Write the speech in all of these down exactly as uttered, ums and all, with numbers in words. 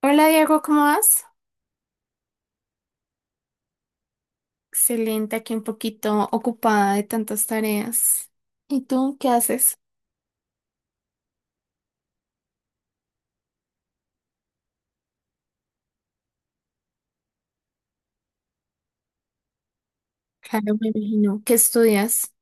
Hola Diego, ¿cómo vas? Excelente, aquí un poquito ocupada de tantas tareas. ¿Y tú qué haces? Claro, me imagino. ¿Qué estudias?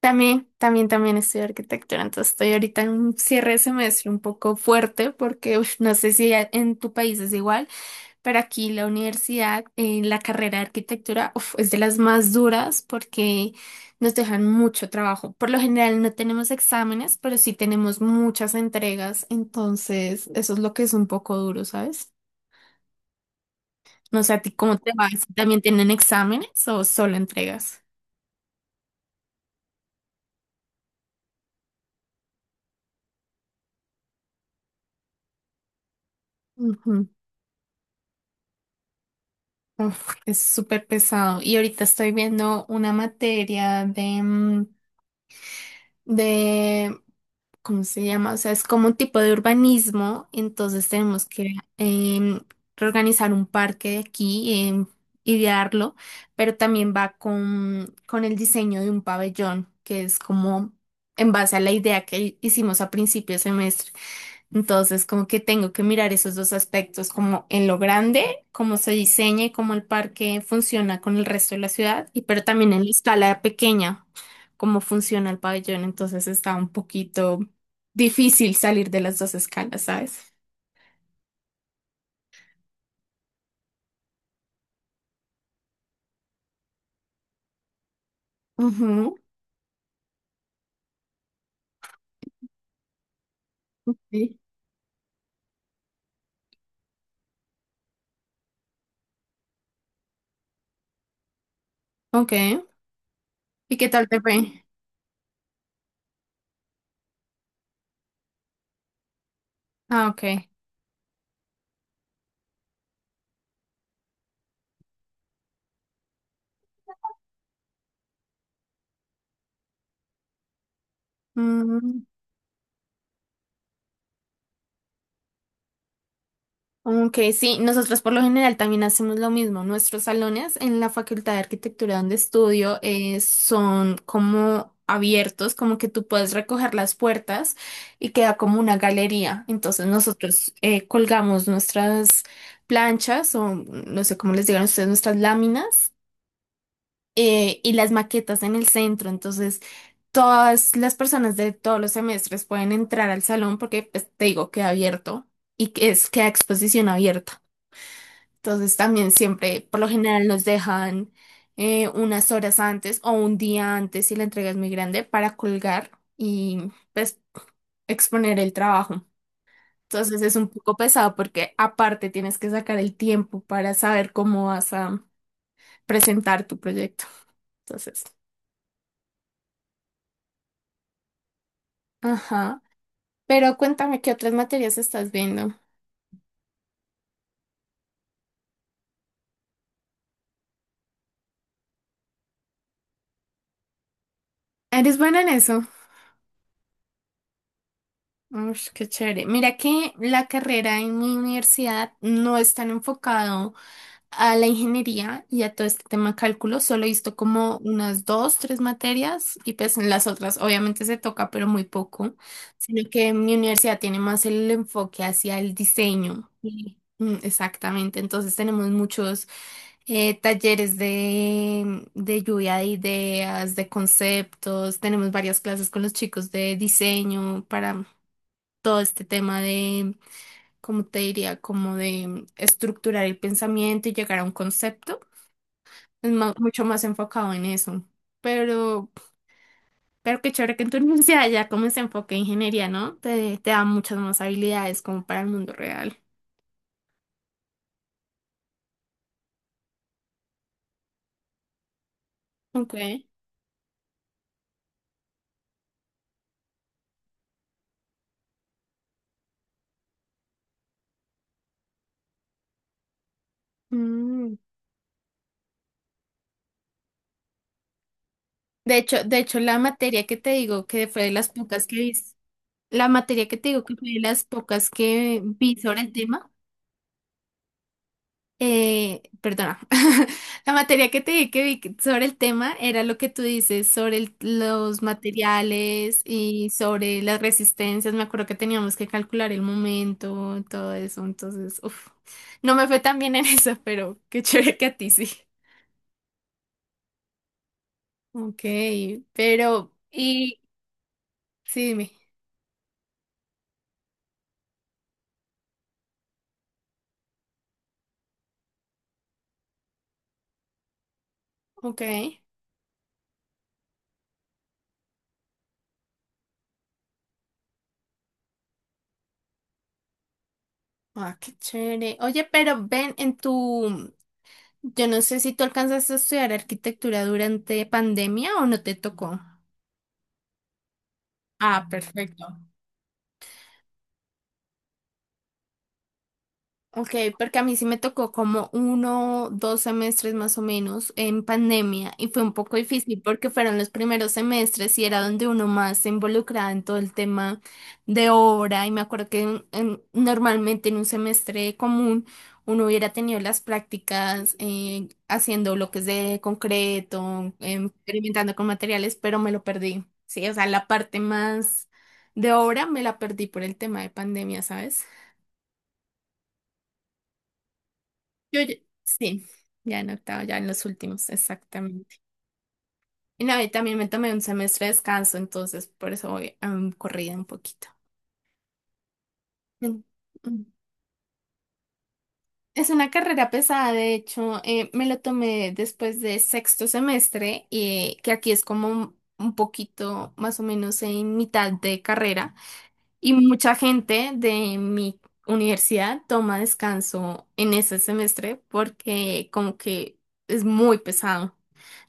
También, también, también estudio arquitectura, entonces estoy ahorita en un cierre de semestre un poco fuerte porque uf, no sé si a- en tu país es igual. Pero aquí la universidad, en la carrera de arquitectura, uf, es de las más duras porque nos dejan mucho trabajo. Por lo general no tenemos exámenes, pero sí tenemos muchas entregas, entonces eso es lo que es un poco duro, ¿sabes? No sé a ti cómo te va, si también tienen exámenes o solo entregas. Ujú. Uf, es súper pesado. Y ahorita estoy viendo una materia de, mm, de ¿cómo se llama? O sea, es como un tipo de urbanismo, entonces tenemos que em, reorganizar un parque de aquí, em, idearlo, pero también va con, con el diseño de un pabellón, que es como en base a la idea que hicimos a principio de semestre. Entonces, como que tengo que mirar esos dos aspectos, como en lo grande, cómo se diseña y cómo el parque funciona con el resto de la ciudad, y pero también en la escala pequeña, cómo funciona el pabellón. Entonces está un poquito difícil salir de las dos escalas, ¿sabes? Ujú. Sí. Ok. ¿Y qué tal te fue? Ah, ok. Mm, ok, sí, nosotros por lo general también hacemos lo mismo. Nuestros salones en la Facultad de Arquitectura donde estudio eh, son como abiertos, como que tú puedes recoger las puertas y queda como una galería. Entonces nosotros eh, colgamos nuestras planchas o no sé cómo les digan ustedes, nuestras láminas eh, y las maquetas en el centro. Entonces... Todas las personas de todos los semestres pueden entrar al salón porque, pues, te digo, queda abierto y que es, queda exposición abierta. Entonces también siempre, por lo general, nos dejan eh, unas horas antes o un día antes si la entrega es muy grande para colgar y, pues, exponer el trabajo. Entonces es un poco pesado porque aparte tienes que sacar el tiempo para saber cómo vas a presentar tu proyecto. Entonces, ajá. Pero cuéntame qué otras materias estás viendo. Eres buena en eso. Ush, qué chévere. Mira que la carrera en mi universidad no es tan enfocado a la ingeniería y a todo este tema cálculo, solo he visto como unas dos, tres materias y pues en las otras obviamente se toca, pero muy poco, sino que mi universidad tiene más el enfoque hacia el diseño. Sí. Mm, exactamente, entonces tenemos muchos eh, talleres de, de lluvia de ideas, de conceptos, tenemos varias clases con los chicos de diseño para todo este tema como te diría, como de mm, estructurar el pensamiento y llegar a un concepto. Es ma- mucho más enfocado en eso. Pero, pero qué chévere que en tu universidad ya como se enfoque en ingeniería, ¿no? Te, te da muchas más habilidades como para el mundo real. Ok. Mm. De hecho, de hecho, la materia que te digo que fue de las pocas que vi, la materia que te digo que fue de las pocas que vi sobre el tema. Eh, perdona, la materia que te di que vi que- sobre el tema era lo que tú dices sobre el- los materiales y sobre las resistencias. Me acuerdo que teníamos que calcular el momento, todo eso. Entonces, uf, no me fue tan bien en eso, pero qué chévere que a ti sí. Ok, pero, y sí, dime. Ok, ah, qué chévere. Oye, pero ven en tu, yo no sé si tú alcanzaste a estudiar arquitectura durante pandemia o no te tocó. Ah, perfecto. Ok, porque a mí sí me tocó como uno, dos semestres más o menos en pandemia y fue un poco difícil porque fueron los primeros semestres y era donde uno más se involucraba en todo el tema de obra y me acuerdo que en- en- normalmente en un semestre común uno hubiera tenido las prácticas eh, haciendo bloques de concreto, em, experimentando con materiales, pero me lo perdí. Sí, o sea, la parte más de obra me la perdí por el tema de pandemia, ¿sabes? Yo, ya- sí, ya en octavo, ya en los últimos, exactamente. Y no, y también me tomé un semestre de descanso, entonces por eso voy mm, corrida un poquito. Mm, mm. Es una carrera pesada, de hecho, eh, me lo tomé después de sexto semestre, y que aquí es como un, un poquito más o menos en mitad de carrera. Y mucha gente de mi universidad toma descanso en ese semestre porque como que es muy pesado.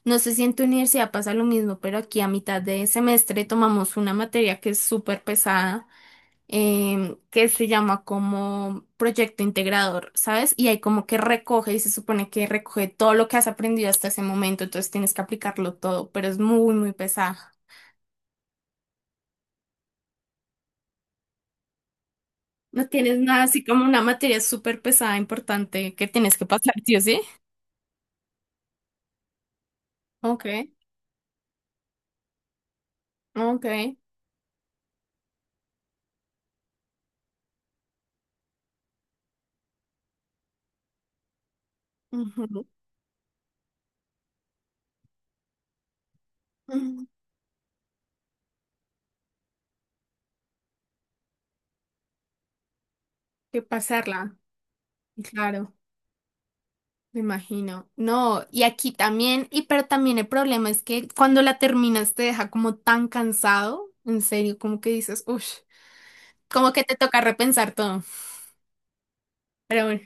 No sé si en tu universidad pasa lo mismo, pero aquí a mitad de semestre tomamos una materia que es súper pesada, em, que se llama como proyecto integrador, ¿sabes? Y ahí como que recoge y se supone que recoge todo lo que has aprendido hasta ese momento, entonces tienes que aplicarlo todo, pero es muy, muy pesado. No tienes nada así como una materia súper pesada, importante que tienes que pasar, ¿sí o sí? Ok, ok. Ujú, ujú, que pasarla, claro, me imagino. No, y aquí también, y pero también el problema es que cuando la terminas te deja como tan cansado, en serio, como que dices, uff, como que te toca repensar todo. Pero bueno.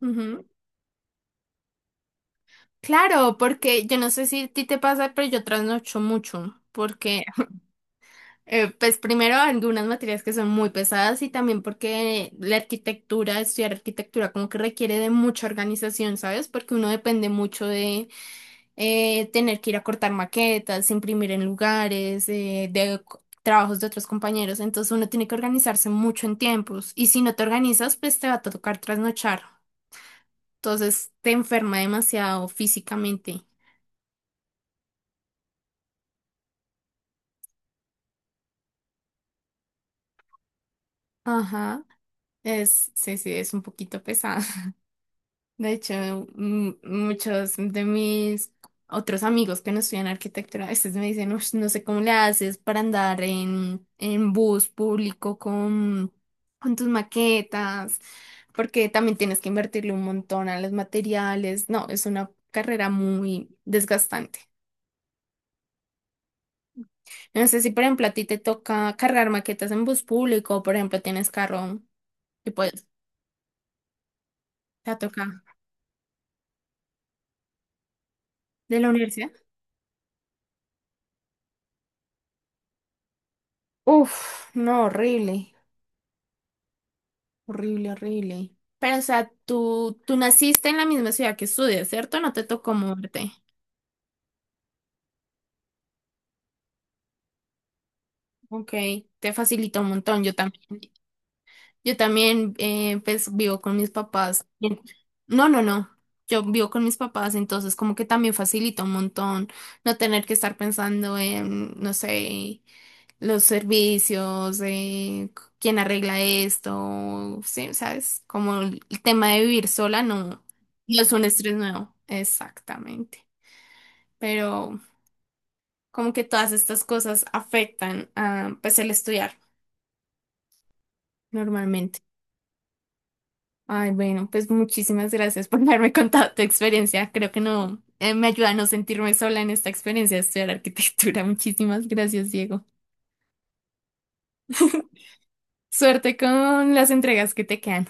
Ujú. Claro, porque yo no sé si a ti te pasa, pero yo trasnocho mucho, porque Eh, pues primero algunas materias que son muy pesadas y también porque la arquitectura, estudiar arquitectura como que requiere de mucha organización, ¿sabes? Porque uno depende mucho de eh, tener que ir a cortar maquetas, imprimir en lugares, eh, de co- trabajos de otros compañeros, entonces uno tiene que organizarse mucho en tiempos y si no te organizas, pues te va a tocar trasnochar, entonces te enferma demasiado físicamente. Ajá, es, sí, sí, es un poquito pesado. De hecho, m- muchos de mis otros amigos que no estudian arquitectura a veces me dicen, "Ush, no sé cómo le haces para andar en, en bus público con, con tus maquetas, porque también tienes que invertirle un montón a los materiales. No, es una carrera muy desgastante. No sé si, por ejemplo, a ti te toca cargar maquetas en bus público, o, por ejemplo, tienes carro y pues te toca de la universidad. Uf, no, horrible. Horrible, horrible. Pero, o sea, tú, tú naciste en la misma ciudad que estudias, ¿cierto? No te tocó moverte. Ok, te facilitó un montón. Yo también, yo también, eh, pues, vivo con mis papás. Bien. No, no, no. Yo vivo con mis papás, entonces como que también facilita un montón no tener que estar pensando en, no sé, los servicios, eh, quién arregla esto, sí, ¿sabes? Como el tema de vivir sola no, no es un estrés nuevo. Exactamente. Pero como que todas estas cosas afectan a, pues el estudiar normalmente. Ay, bueno, pues muchísimas gracias por haberme contado tu experiencia. Creo que no, eh, me ayuda a no sentirme sola en esta experiencia de estudiar arquitectura. Muchísimas gracias, Diego. Suerte con las entregas que te quedan.